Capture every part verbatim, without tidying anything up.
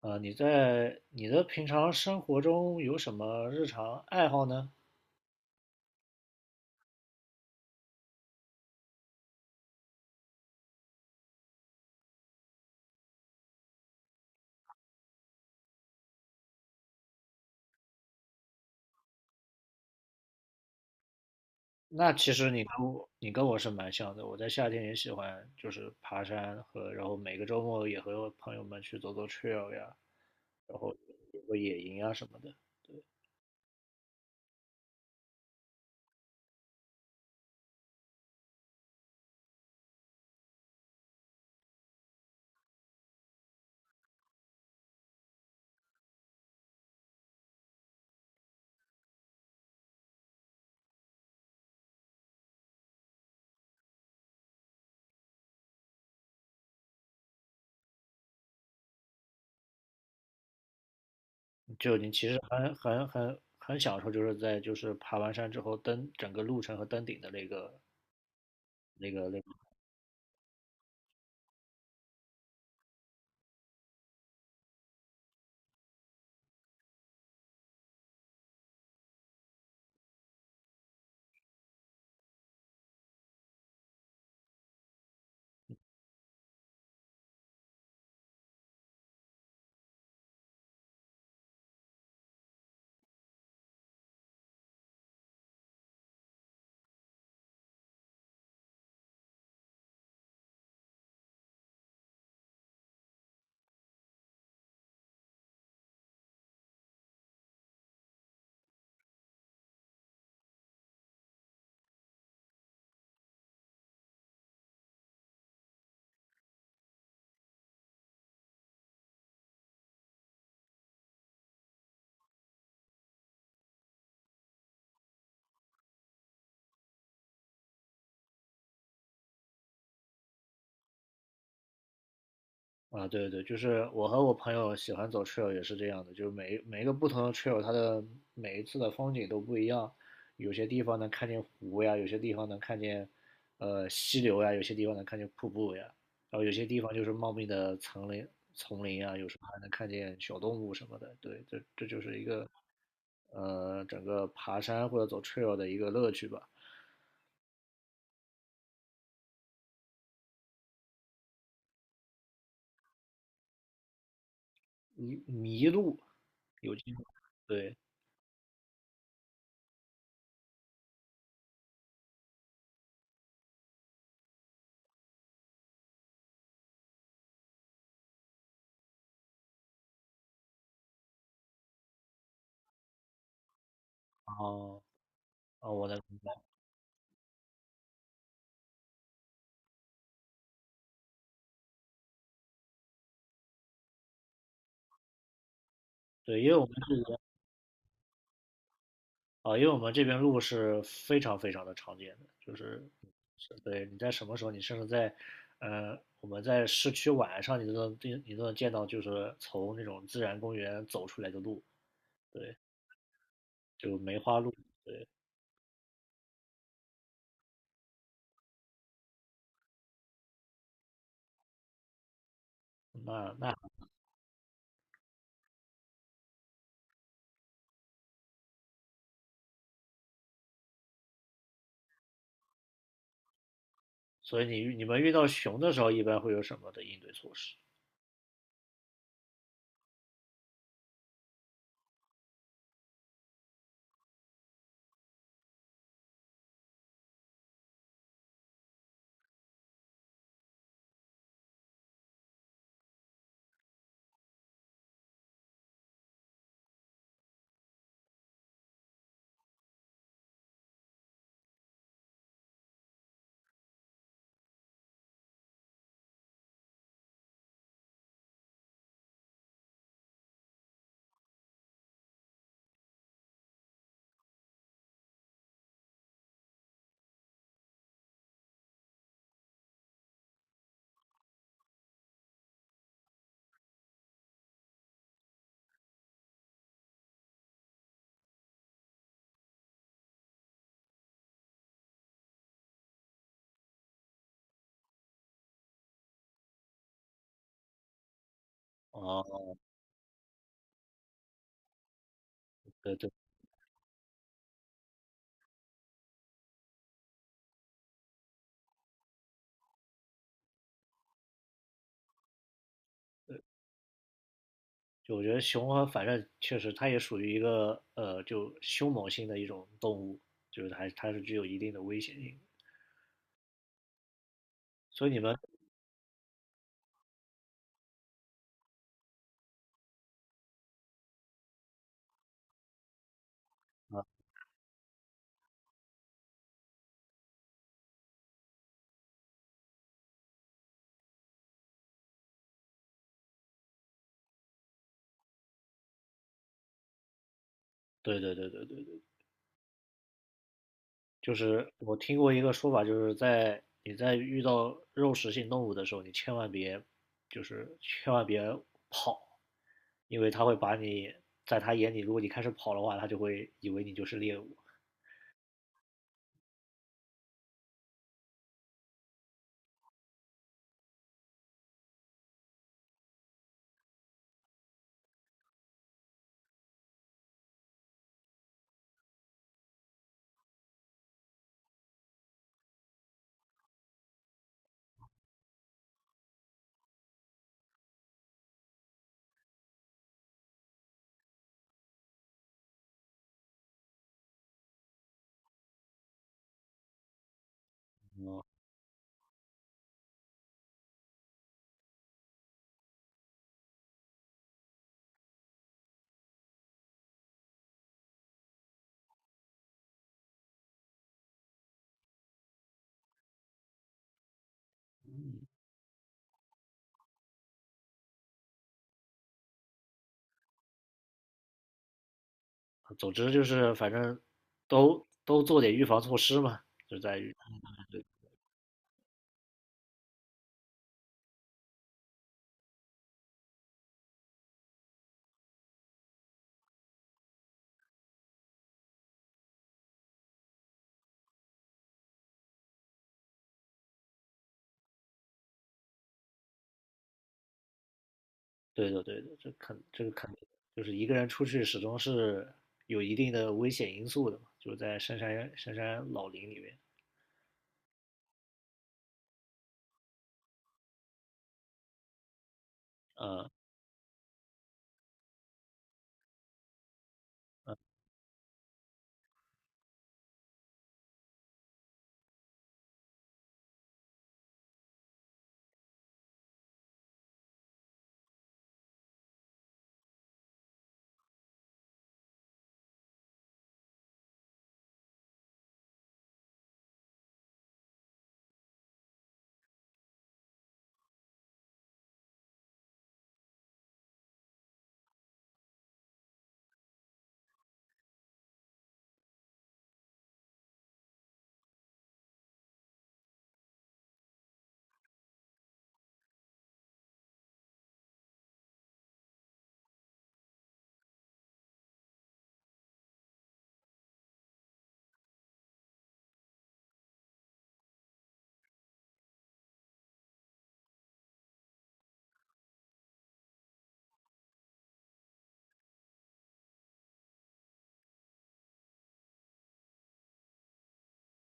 啊，你在你的平常生活中有什么日常爱好呢？那其实你跟我你跟我是蛮像的，我在夏天也喜欢就是爬山和，然后每个周末也和朋友们去走走 trail 呀，然后有个野营啊什么的。就你其实很很很很享受，就是在就是爬完山之后登整个路程和登顶的那个那个那个。啊，对对对，就是我和我朋友喜欢走 trail 也是这样的，就是每每一个不同的 trail，它的每一次的风景都不一样，有些地方能看见湖呀，有些地方能看见呃溪流呀，有些地方能看见瀑布呀，然后有些地方就是茂密的丛林丛林啊，有时候还能看见小动物什么的。对，这这就是一个呃整个爬山或者走 trail 的一个乐趣吧。迷迷路有经对，哦哦，我能明白，对，因为我们。啊，因为我们这边鹿是非常非常的常见的，就是是对你在什么时候，你甚至在呃我们在市区晚上，你都能你你都能见到，就是从那种自然公园走出来的鹿，对，就梅花鹿。那那所以你你们遇到熊的时候，一般会有什么的应对措施？哦，对对，就我觉得熊和反正确实它也属于一个呃就凶猛性的一种动物，就是它它是具有一定的危险性的。所以你们对对对对对对。就是我听过一个说法，就是在你在遇到肉食性动物的时候，你千万别，就是千万别跑，因为它会把你，在它眼里，如果你开始跑的话，它就会以为你就是猎物。总之就是反正都都做点预防措施嘛，就在于，对的对的，这肯这个肯定就是一个人出去始终是有一定的危险因素的嘛，就是在深山深山老林里面。嗯。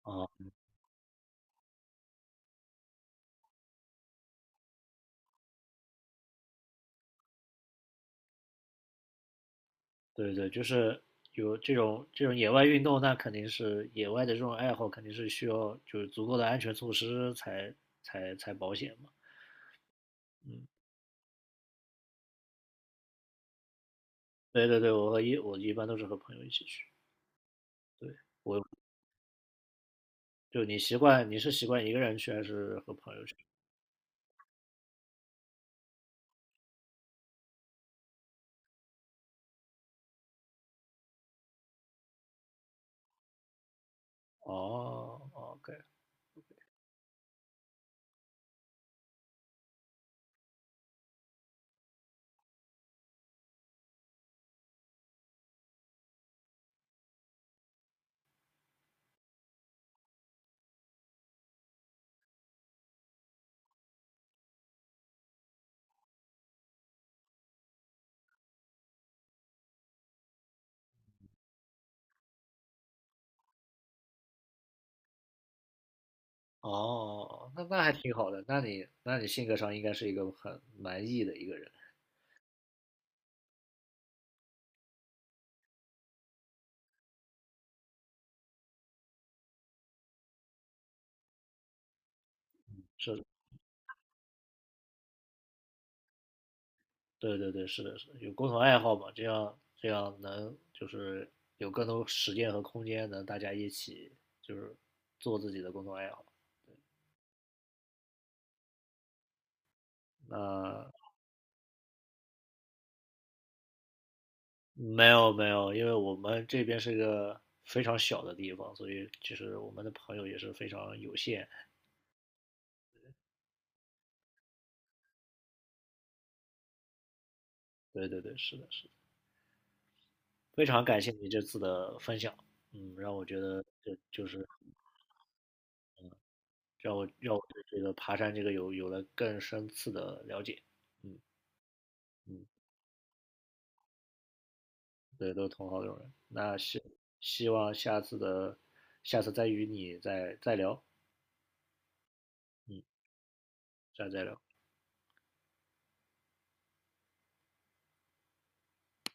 啊。对对，就是有这种这种野外运动，那肯定是野外的这种爱好，肯定是需要就是足够的安全措施才才才保险嘛。嗯，对对对，我和一我一般都是和朋友一起去。对，就你习惯你是习惯一个人去还是和朋友去？哦，OK，哦，那那还挺好的，那你那你性格上应该是一个很蛮毅的一个人，是对对对，是的，是的，有共同爱好嘛，这样这样能就是有更多时间和空间，能大家一起就是做自己的共同爱好。那没有没有，因为我们这边是个非常小的地方，所以其实我们的朋友也是非常有限。对对对，是的，是的，非常感谢你这次的分享，嗯，让我觉得这就是让我让我对这个爬山这个有有了更深次的了解，嗯嗯。对，都是同好友人。那希希望下次的下次再与你再再聊，嗯，下次再聊。